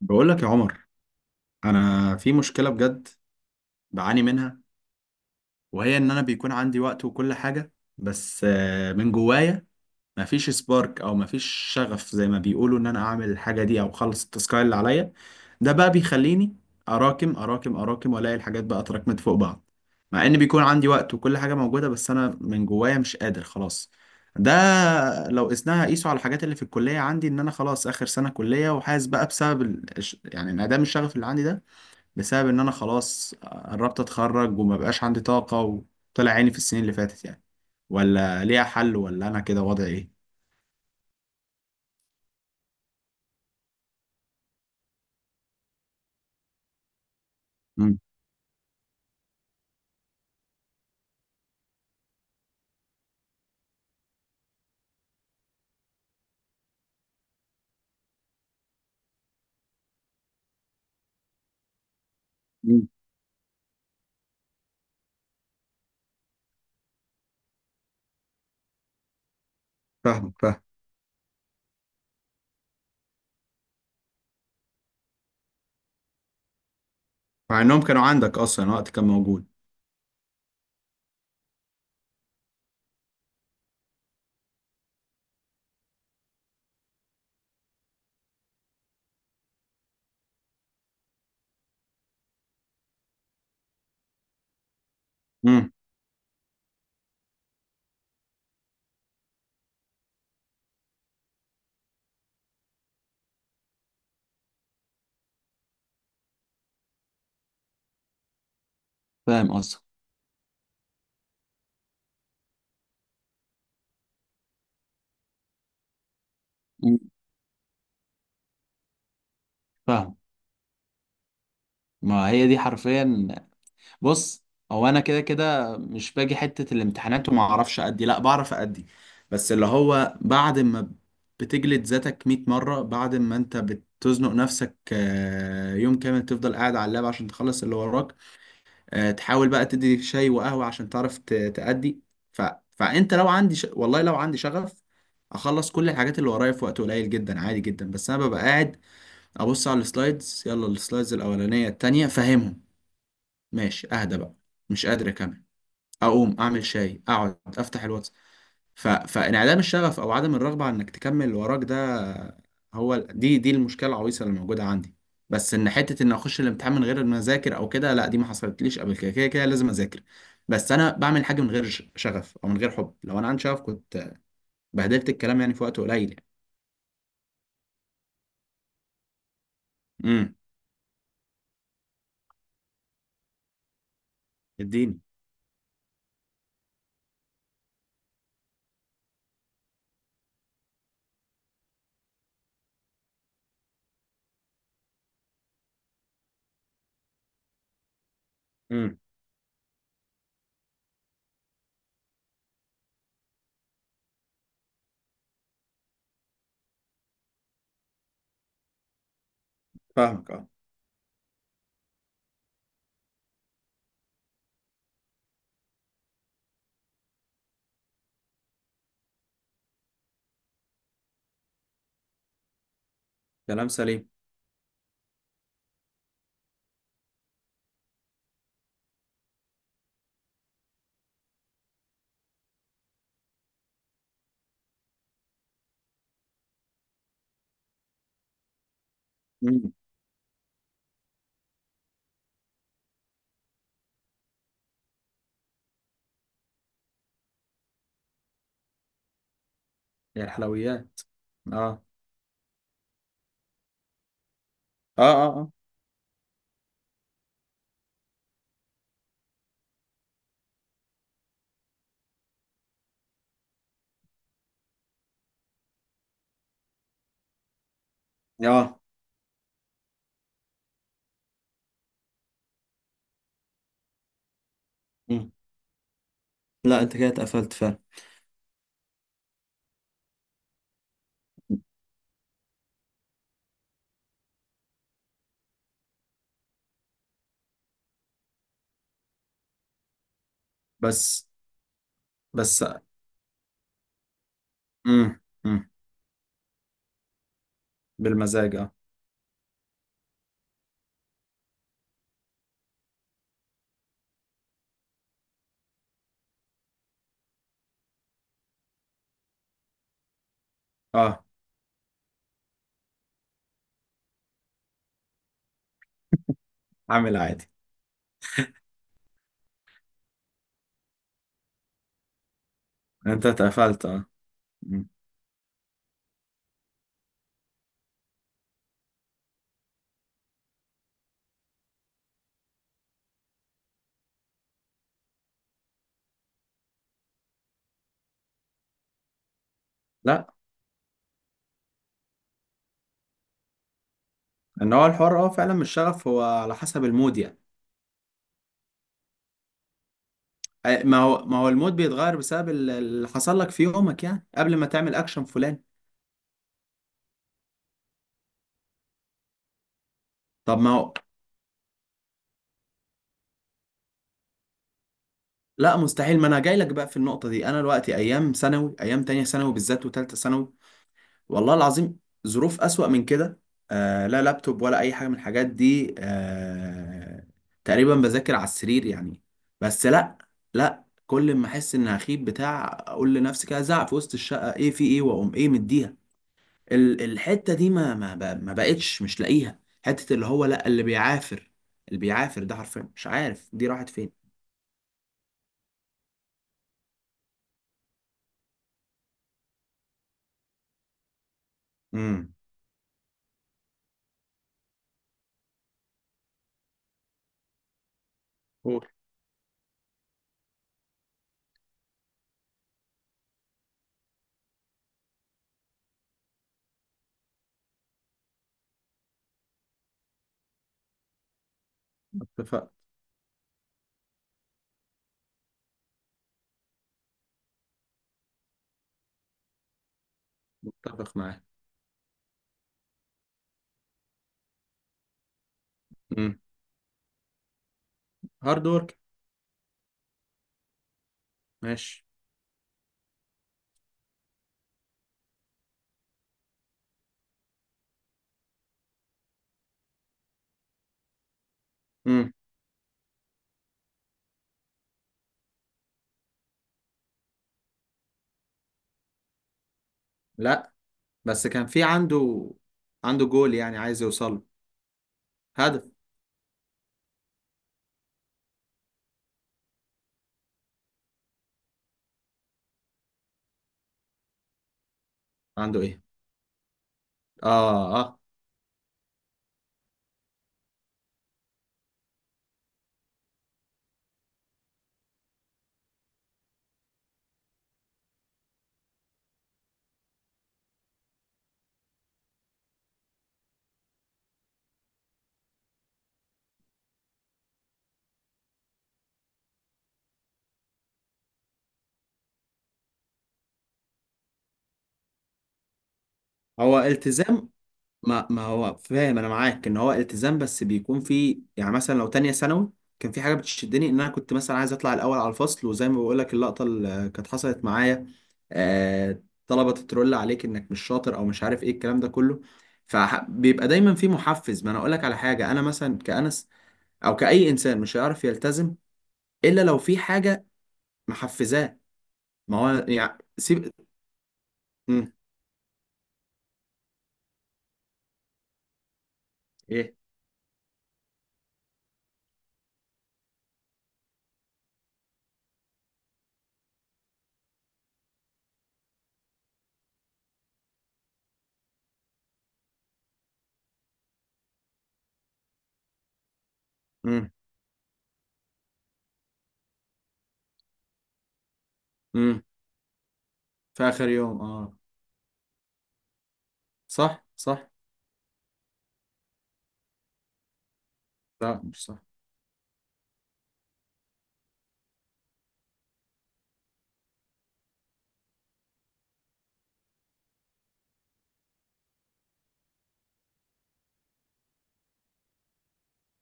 بقول لك يا عمر، انا في مشكله بجد بعاني منها، وهي ان انا بيكون عندي وقت وكل حاجه، بس من جوايا مفيش سبارك او مفيش شغف زي ما بيقولوا ان انا اعمل الحاجه دي او اخلص التاسكاي اللي عليا. ده بقى بيخليني اراكم والاقي الحاجات بقى اتراكمت فوق بعض. مع ان بيكون عندي وقت وكل حاجه موجوده، بس انا من جوايا مش قادر خلاص. ده لو قسناها قيسوا على الحاجات اللي في الكليه، عندي ان انا خلاص اخر سنه كليه، وحاسس بقى بسبب يعني انعدام الشغف اللي عندي ده، بسبب ان انا خلاص قربت اتخرج وما بقاش عندي طاقة وطلع عيني في السنين اللي فاتت يعني. ولا ليها حل، ولا انا كده وضعي ايه؟ امم امم فاهمك، فاهم. مع انهم كانوا عندك اصلا، وقت كان موجود. امم فاهم قصدك. أمم، فاهم. ما هي دي حرفيا. بص، هو انا كده كده مش باجي حتة الامتحانات وما اعرفش ادي، لا بعرف ادي. بس اللي هو بعد ما بتجلد ذاتك 100 مرة، بعد ما انت بتزنق نفسك، يوم كامل تفضل قاعد على اللاب عشان تخلص اللي وراك، تحاول بقى تدي شاي وقهوة عشان تعرف تأدي. ف... فانت لو عندي والله لو عندي شغف، اخلص كل الحاجات اللي ورايا في وقت قليل جدا، عادي جدا. بس انا ببقى قاعد ابص على السلايدز، يلا السلايدز الاولانية التانية فاهمهم، ماشي اهدى بقى، مش قادر اكمل، اقوم اعمل شاي، اقعد افتح الواتس. فانعدام الشغف او عدم الرغبه على انك تكمل اللي وراك ده، هو دي المشكله العويصه اللي موجوده عندي. بس ان حته ان اخش الامتحان من غير ما اذاكر او كده، لا دي ما حصلتليش قبل كده، كده كده لازم اذاكر. بس انا بعمل حاجه من غير شغف او من غير حب. لو انا عندي شغف كنت بهدلت الكلام يعني في وقت قليل يعني. امم اديني. امم فاهمك، اه. كلام سليم. امم يا الحلويات. اه، اه، اه. اه، اه. مم. لا، انت كده اتقفلت فعلا. بس بس امم امم بالمزاج، اه. اه، عامل عادي. انت اتقفلت اه. مم. لا، ان هو الحوار اه فعلا مش شغف، هو على حسب المود يعني. ما هو المود بيتغير بسبب اللي حصل لك في يومك يعني قبل ما تعمل اكشن فلان. طب ما هو. لا مستحيل، ما انا جاي لك بقى في النقطة دي. انا دلوقتي ايام ثانوي، ايام تانية ثانوي بالذات وتالتة ثانوي، والله العظيم ظروف أسوأ من كده. آه، لا لابتوب ولا أي حاجة من الحاجات دي. آه، تقريبا بذاكر على السرير يعني، بس لا. لا، كل ما أحس إن هخيب بتاع أقول لنفسي كده، زعق في وسط الشقة إيه في إيه، وأقوم إيه مديها. الحتة دي ما بقتش مش لاقيها. حتة اللي هو لا، اللي بيعافر، اللي بيعافر ده حرفيا مش عارف دي راحت فين. امم قول. اتفق. اتفق معاك. امم هارد ورك. ماشي. امم لا، بس كان في عنده جول يعني عايز يوصله. هدف. عنده ايه؟ اه، اه. هو التزام. ما ما هو فاهم انا معاك ان هو التزام، بس بيكون في يعني مثلا لو تانية ثانوي كان في حاجة بتشدني، ان انا كنت مثلا عايز اطلع الاول على الفصل، وزي ما بقول لك اللقطة اللي كانت حصلت معايا. آه، طلبة تترول عليك انك مش شاطر او مش عارف ايه الكلام ده كله. فبيبقى دايما في محفز. ما انا اقول لك على حاجة، انا مثلا كأنس او كأي انسان مش هيعرف يلتزم، الا لو في حاجة محفزاه. ما هو يعني سيب. مم. ايه. مم. مم. في اخر يوم اه. صح، صح. لا، مش صح.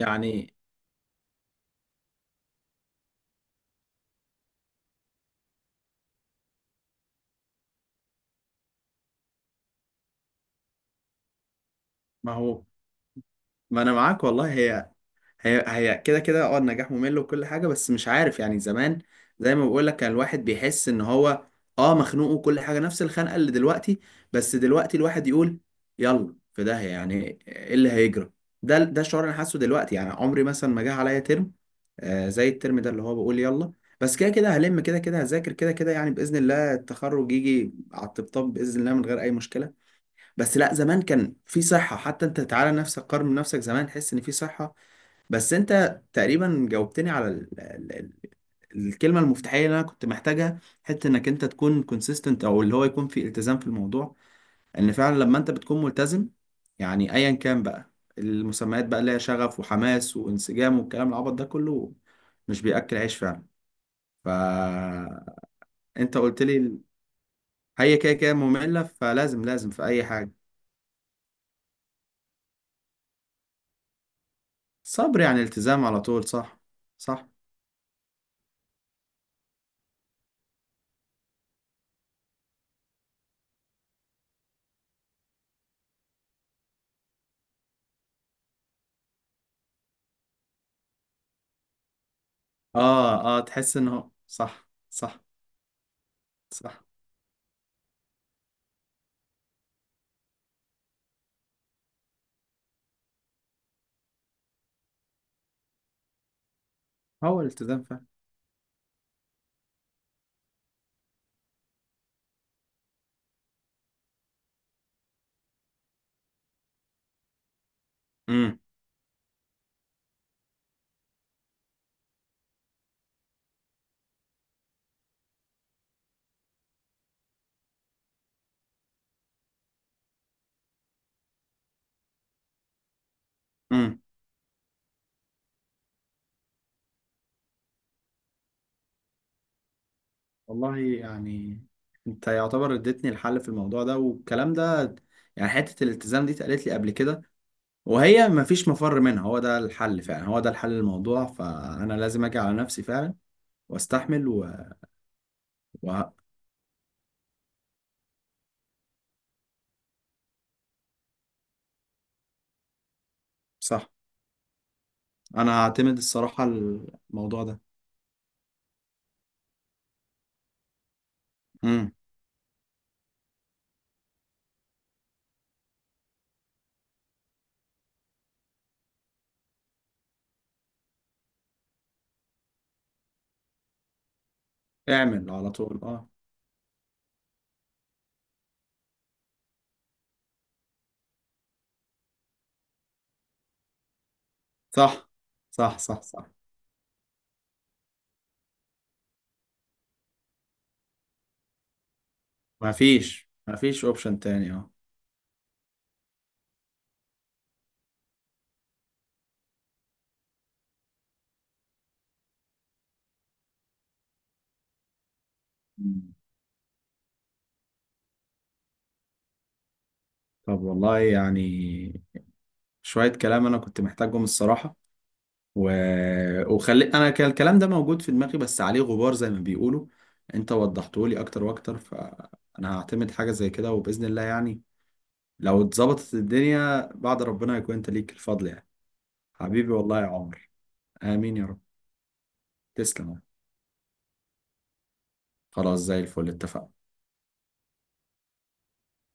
يعني ما هو، ما انا معاك والله. هي هي كده كده، اه النجاح ممل، وكل حاجة. بس مش عارف يعني، زمان زي ما بقول لك كان الواحد بيحس ان هو اه مخنوق، وكل حاجة نفس الخنقة اللي دلوقتي. بس دلوقتي الواحد يقول يلا، في ده؟ يعني ايه اللي هيجرى؟ ده الشعور اللي انا حاسه دلوقتي. يعني عمري مثلا ما جه عليا ترم آه زي الترم ده، اللي هو بقول يلا، بس كده كده هلم، كده كده هذاكر، كده كده يعني بإذن الله التخرج يجي على الطبطاب بإذن الله من غير أي مشكلة. بس لا، زمان كان في صحة. حتى أنت تعالى، نفسك قارن نفسك زمان، تحس إن في صحة. بس انت تقريبا جاوبتني على الكلمة المفتاحية اللي انا كنت محتاجها، حتة انك انت تكون كونسيستنت او اللي هو يكون في التزام في الموضوع. ان فعلا لما انت بتكون ملتزم، يعني ايا كان بقى المسميات بقى، اللي هي شغف وحماس وانسجام والكلام العبط ده كله، مش بيأكل عيش فعلا. فانت قلت لي هي كده كده مملة، فلازم، في اي حاجة صبر يعني التزام على طول، صح؟ صح. اه، اه، تحس ان هو صح. صح، صح. هو الالتزام فعلا. امم امم والله يعني انت يعتبر اديتني الحل في الموضوع ده والكلام ده. يعني حتة الالتزام دي اتقالت لي قبل كده، وهي مفيش مفر منها، هو ده الحل فعلا، هو ده الحل للموضوع. فانا لازم اجي على نفسي فعلا واستحمل. و... صح. انا هعتمد الصراحة الموضوع ده. امم اعمل على طول اه. صح، صح، صح، صح. مفيش اوبشن تاني اه. مم. طب والله يعني شوية كلام انا كنت محتاجهم الصراحة. و... وخلي انا كان الكلام ده موجود في دماغي، بس عليه غبار زي ما بيقولوا، انت وضحته لي اكتر واكتر، فانا هعتمد حاجه زي كده وباذن الله يعني، لو اتظبطت الدنيا بعد ربنا يكون انت ليك الفضل يعني. حبيبي والله يا عمر. امين يا رب. تسلم. خلاص، زي الفل، اتفقنا.